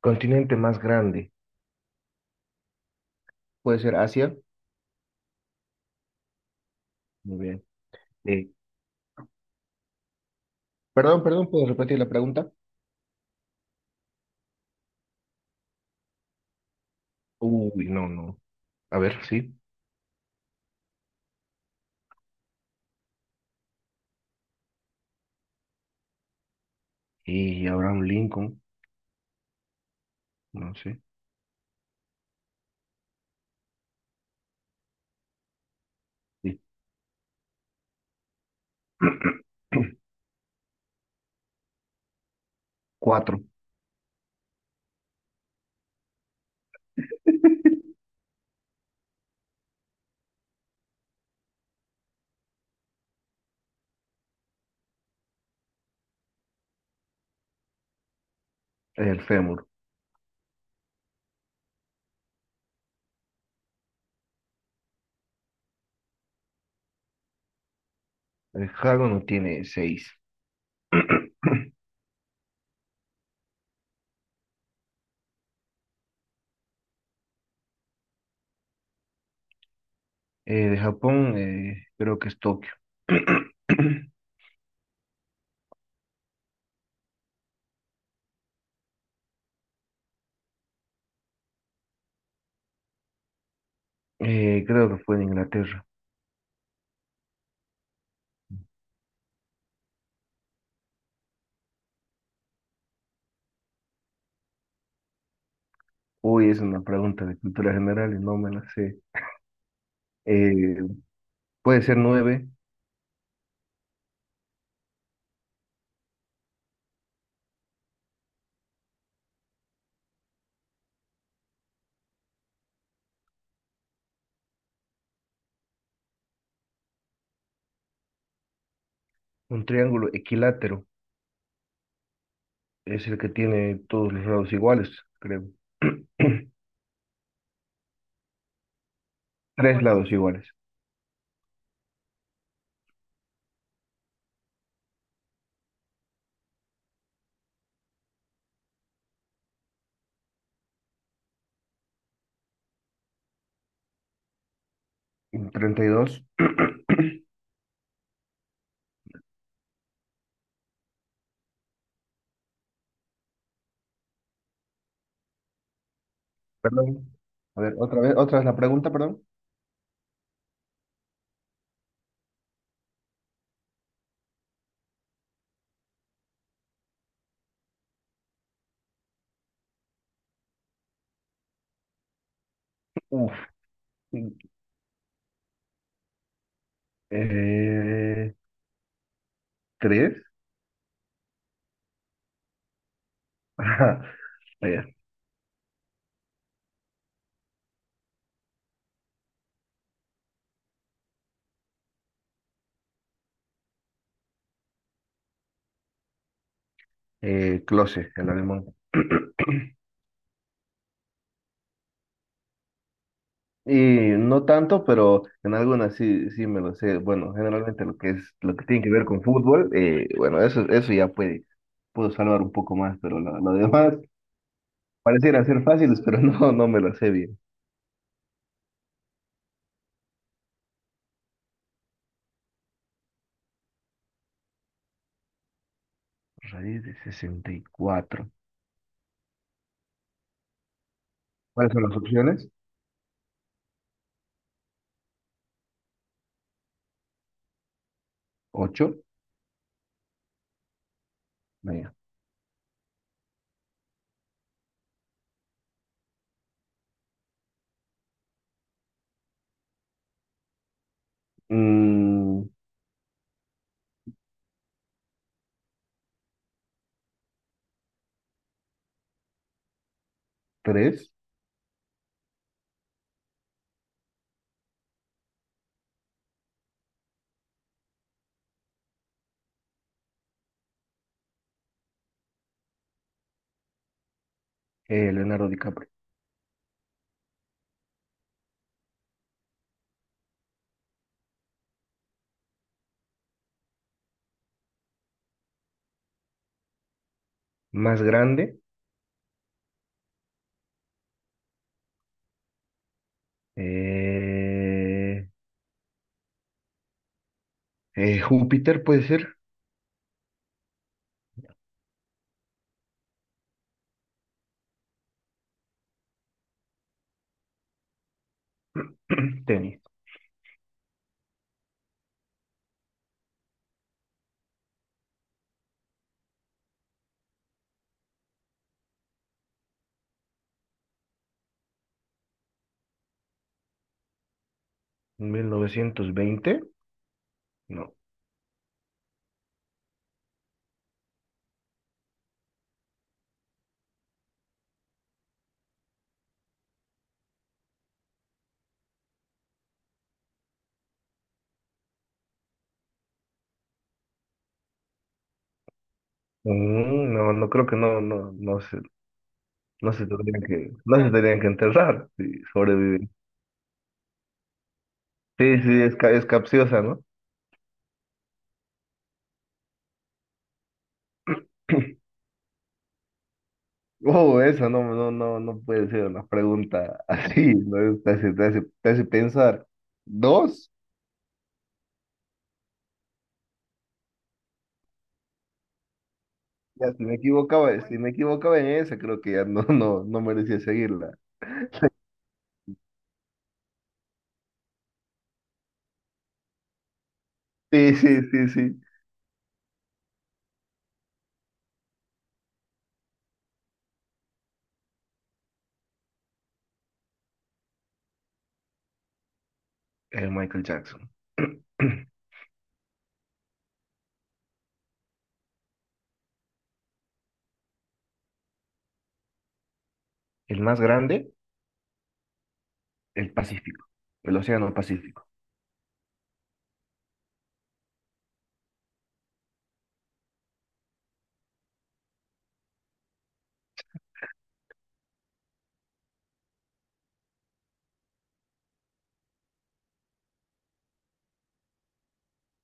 Continente más grande. Puede ser Asia. Muy bien. Eh, Perdón, perdón, ¿puedo repetir la pregunta? Uy, no, no. A ver, sí. Y Abraham Lincoln, no sé. Sí. Cuatro. El fémur. El No tiene seis. De Japón, creo que es Tokio. Creo que fue en Inglaterra. Uy, es una pregunta de cultura general y no me la sé. Eh, Puede ser nueve. Un triángulo equilátero, es el que tiene todos los lados iguales, creo. Tres. Pues lados iguales. 32. Perdón. A ver, otra vez la pregunta, perdón. Uf. Eh, ¿Tres? Ajá. Eh, Close, el alemán. Y no tanto, pero en algunas sí, sí me lo sé. Bueno, generalmente lo que es, lo que tiene que ver con fútbol, bueno, eso ya puede, puedo salvar un poco más, pero lo demás pareciera ser fáciles, pero no, no me lo sé bien. Raíz de 64. ¿Cuáles son las opciones? Ocho. Venga. tres. Leonardo DiCaprio. Más grande. eh, Júpiter puede ser. Tenis. 1920. No. No, no creo que no, no, no se tendrían que enterrar si sobreviven. Sí, sí, es capciosa, ¿no? Wow, eso no puede ser una pregunta así, ¿no? Te hace pensar. ¿Dos? Ya, si me equivocaba en esa, creo que ya no, no merecía seguirla. Sí, sí, sí, sí. El Michael Jackson. El más grande, el Pacífico, el Océano Pacífico.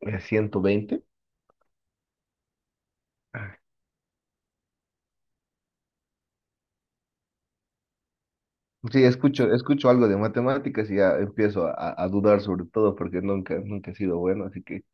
120. Sí, escucho algo de matemáticas y ya empiezo a dudar sobre todo porque nunca, nunca he sido bueno, así que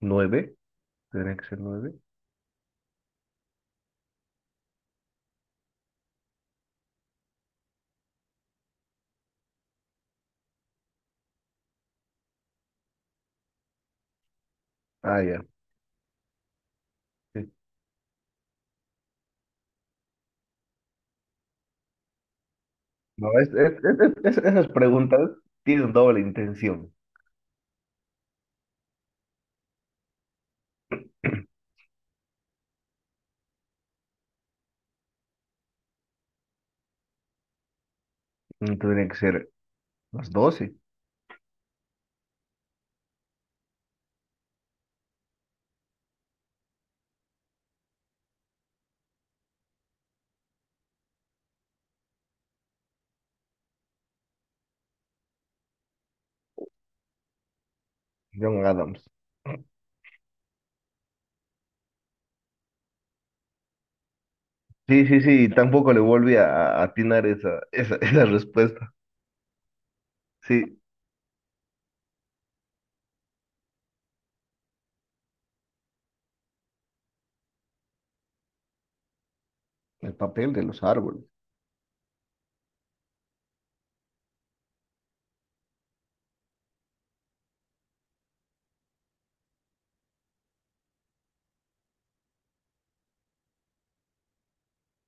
nueve, tendría que ser nueve. Ah, ya. Sí. No, esas preguntas tienen doble intención. Tendrían que ser las 12. John Adams. Sí, sí, sí, tampoco le volví a atinar esa, esa, esa respuesta. Sí, el papel de los árboles.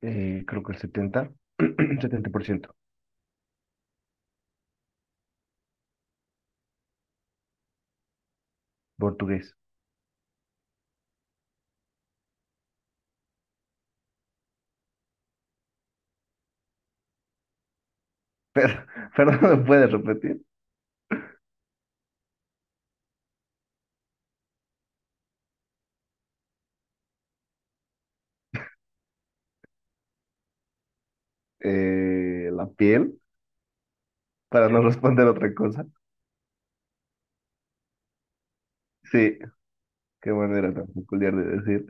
Creo que el 70 70%. Portugués. Pero, perdón, ¿me puedes repetir? La piel, para no responder otra cosa. Sí, qué manera tan peculiar de decir.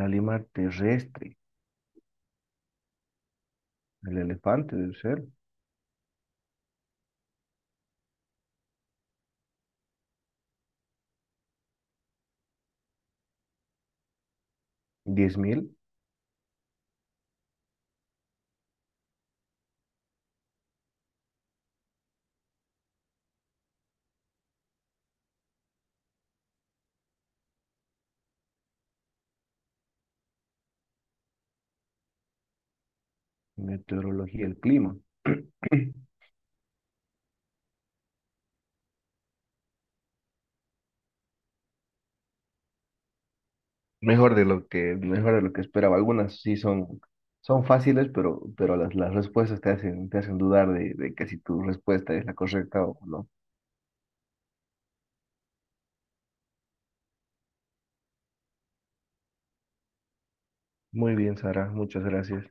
La lima terrestre, el elefante debe ser. 10.000. Meteorología, el clima. Mejor de lo que esperaba. Algunas sí son fáciles, pero las respuestas te hacen dudar de que si tu respuesta es la correcta o no. Muy bien, Sara, muchas gracias.